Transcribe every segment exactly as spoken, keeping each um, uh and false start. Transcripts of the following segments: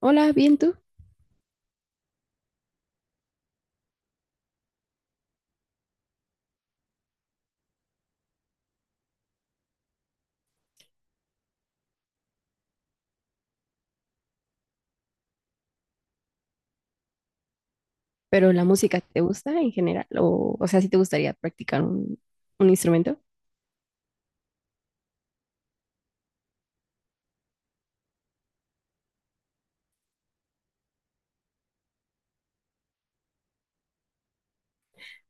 Hola, bien tú. Pero la música te gusta en general, o, o sea, si te gustaría practicar un, un instrumento.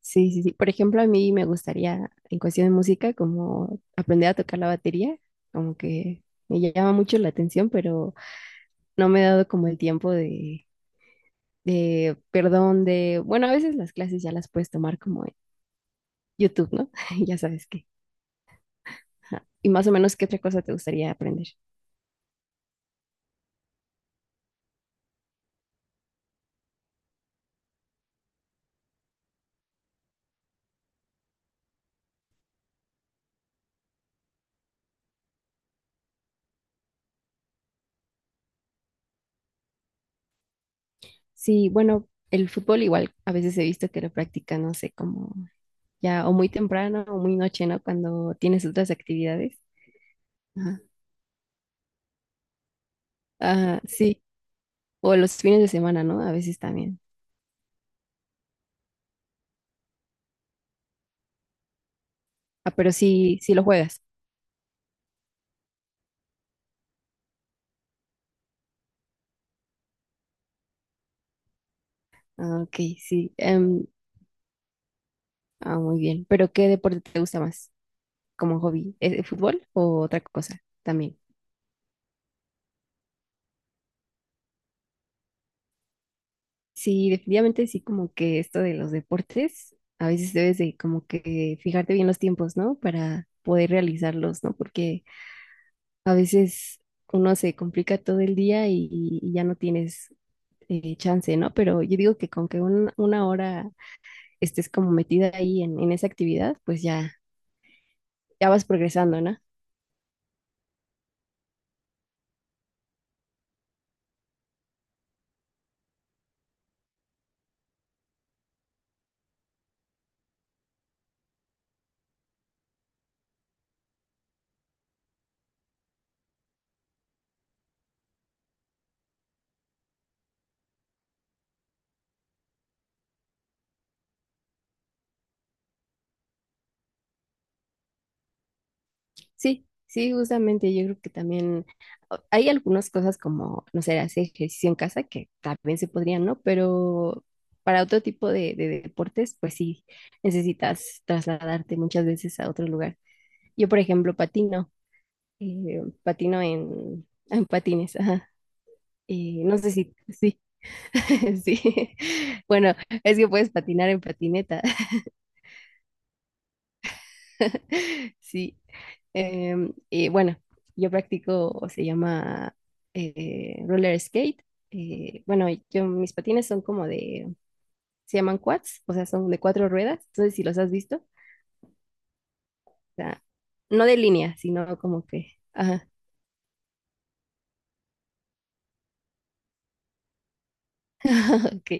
Sí, sí, sí. Por ejemplo, a mí me gustaría, en cuestión de música, como aprender a tocar la batería, como que me llama mucho la atención, pero no me he dado como el tiempo de, de, perdón, de, bueno, a veces las clases ya las puedes tomar como en YouTube, ¿no? Ya sabes qué. Ajá. Y más o menos, ¿qué otra cosa te gustaría aprender? Sí, bueno, el fútbol igual, a veces he visto que lo practican, no sé, como ya o muy temprano o muy noche, ¿no? Cuando tienes otras actividades. Ajá. Ah, sí, o los fines de semana, ¿no? A veces también. Ah, pero sí, sí lo juegas. Ah, ok, sí. Em, ah, muy bien. ¿Pero qué deporte te gusta más como hobby? ¿Es el fútbol o otra cosa también? Sí, definitivamente sí, como que esto de los deportes, a veces debes de como que fijarte bien los tiempos, ¿no? Para poder realizarlos, ¿no? Porque a veces uno se complica todo el día y, y ya no tienes eh, chance, ¿no? Pero yo digo que con que un- una hora estés como metida ahí en, en esa actividad, pues ya, ya vas progresando, ¿no? Sí, sí, justamente yo creo que también o- hay algunas cosas como, no sé, hacer ejercicio en casa que también se podrían, ¿no? Pero para otro tipo de, de deportes, pues sí, necesitas trasladarte muchas veces a otro lugar. Yo, por ejemplo, patino. Eh, patino en, en patines, ajá. Y no sé si, sí, sí. Bueno, es que puedes patinar en patineta. Sí. Em, y bueno, yo practico, se llama eh, roller skate. Eh, bueno, yo mis patines son como de, se llaman quads, o sea, son de cuatro ruedas. ¿No sé si los has visto? O sea, no de línea, sino como que, ajá. Ok.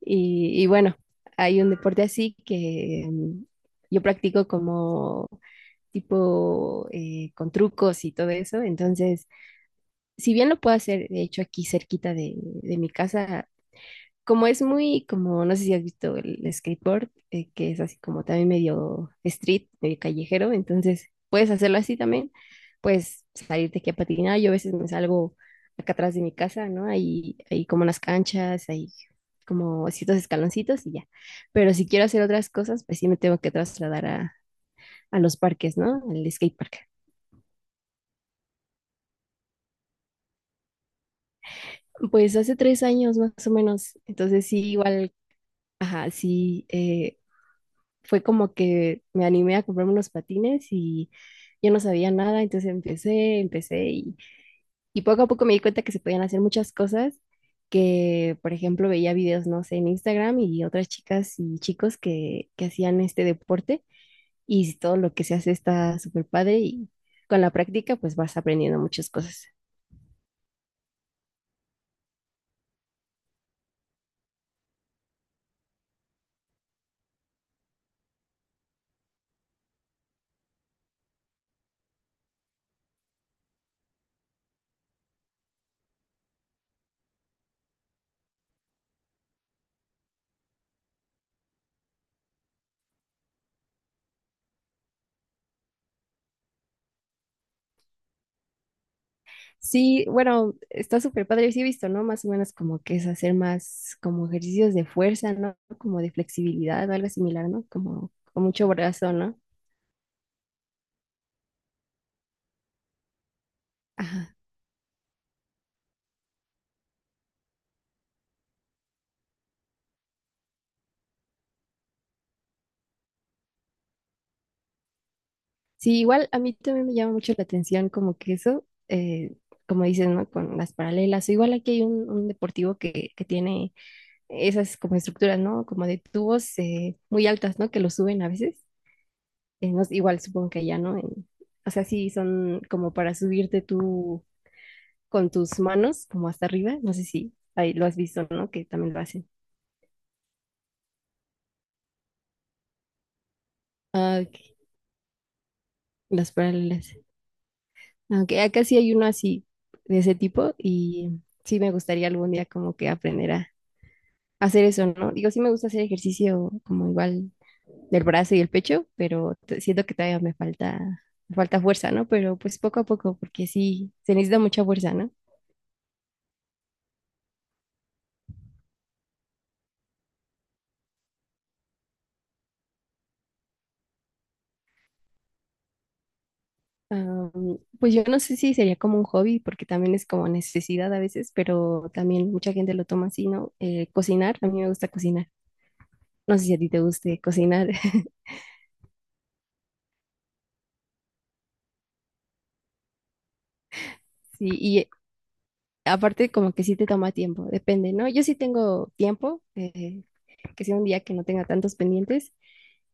Y, y bueno, hay un deporte así que mm, yo practico como tipo eh, con trucos y todo eso. Entonces, si bien lo puedo hacer, de hecho, aquí cerquita de, de mi casa, como es muy, como no sé si has visto el skateboard, eh, que es así como también medio street, medio callejero, entonces puedes hacerlo así también, puedes salirte aquí a patinar, yo a veces me salgo acá atrás de mi casa, ¿no? Hay, hay como unas canchas, hay como ciertos escaloncitos y ya, pero si quiero hacer otras cosas, pues sí me tengo que trasladar a, a los parques, ¿no? Al skatepark. Pues hace tres años más o menos, entonces sí, igual, ajá, sí. eh, fue como que me animé a comprarme unos patines y yo no sabía nada, entonces empecé, empecé y, y poco a poco me di cuenta que se podían hacer muchas cosas que, por ejemplo, veía videos, no sé, en Instagram y otras chicas y chicos que, que hacían este deporte y todo lo que se hace está súper padre y con la práctica pues vas aprendiendo muchas cosas. Sí, bueno, está súper padre, sí he visto, ¿no? Más o menos como que es hacer más como ejercicios de fuerza, ¿no? Como de flexibilidad, algo similar, ¿no? Como con mucho brazo, ¿no? Ajá. Sí, igual a mí también me llama mucho la atención como que eso, eh, como dices, ¿no? Con las paralelas. O igual aquí hay un, un deportivo que, que tiene esas como estructuras, ¿no? Como de tubos eh, muy altas, ¿no? Que lo suben a veces. Eh, no- igual supongo que allá, ¿no? En, o sea, sí, son como para subirte tú con tus manos como hasta arriba. No sé si ahí lo has visto, ¿no? Que también lo hacen. Ah, ok, las paralelas. Aunque acá sí hay uno así de ese tipo y sí me gustaría algún día como que aprender a hacer eso, ¿no? Digo, sí me gusta hacer ejercicio como igual del brazo y el pecho, pero t- siento que todavía me falta, me falta fuerza, ¿no? Pero pues poco a poco, porque sí, se necesita mucha fuerza, ¿no? Am, pues yo no sé si sería como un hobby, porque también es como necesidad a veces, pero también mucha gente lo toma así, ¿no? Eh, cocinar, a mí me gusta cocinar. ¿No sé si a ti te guste cocinar? Sí, y eh, aparte como que sí te toma tiempo, depende, ¿no? Yo sí tengo tiempo, eh, que sea un día que no tenga tantos pendientes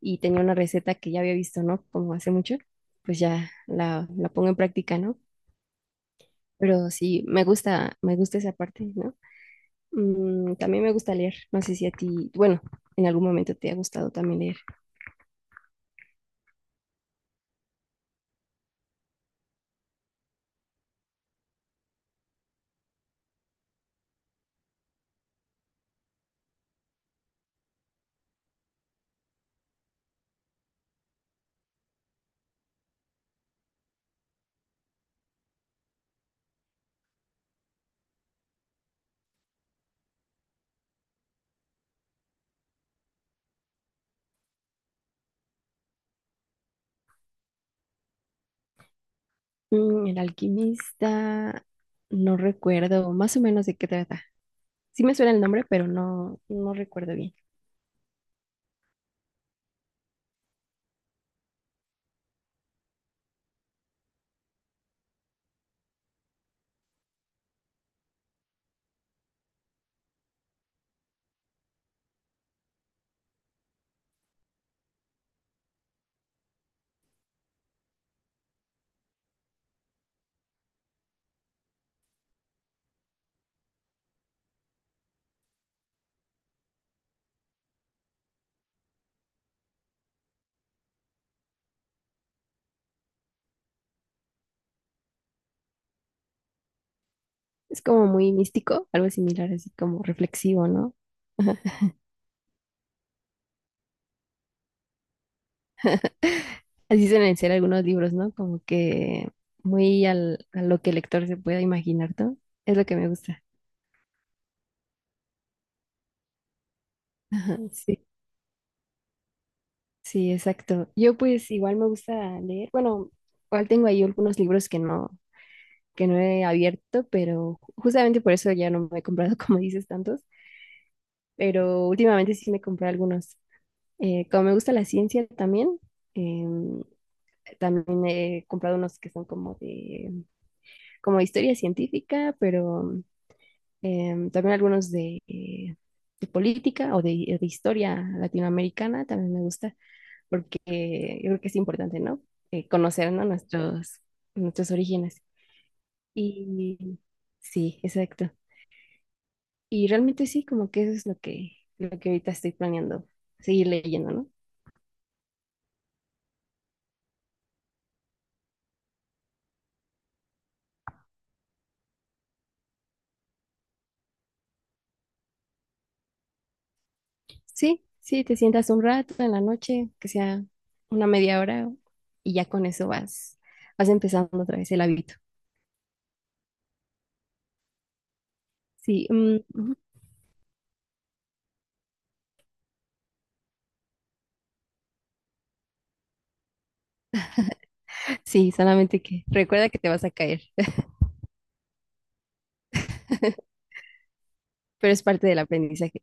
y tenía una receta que ya había visto, ¿no? Como hace mucho, pues ya la, la pongo en práctica, ¿no? Pero sí, me gusta, me gusta esa parte, ¿no? Mm, también me gusta leer. No sé si a ti, bueno, en algún momento te ha gustado también leer. Mm, El Alquimista, no recuerdo más o menos de qué trata. Sí me suena el nombre, pero no, no recuerdo bien. Es como muy místico, algo similar, así como reflexivo, ¿no? Ajá. Así suelen ser algunos libros, ¿no? Como que muy al- a lo que el lector se pueda imaginar, ¿no? Es lo que me gusta. Ajá, sí, sí, exacto. Yo pues igual me gusta leer. Bueno, igual tengo ahí algunos libros que no que no he abierto, pero justamente por eso ya no me he comprado, como dices, tantos, pero últimamente sí me compré algunos. Eh, como me gusta la ciencia también, em, también he comprado unos que son como de, como de historia científica, pero em, también algunos de, eh, de política o de, de historia latinoamericana también me gusta, porque yo creo que es importante, ¿no? Eh, conocer, ¿no? Nuestros, nuestros orígenes. Y sí, exacto. Y realmente sí, como que eso es lo que, lo que ahorita estoy planeando, seguir leyendo, ¿no? Sí, sí, te sientas un rato en la noche, que sea una media hora, y ya con eso vas, vas empezando otra vez el hábito. Sí, mm, ujú. Sí, solamente que recuerda que te vas a caer, pero es parte del aprendizaje.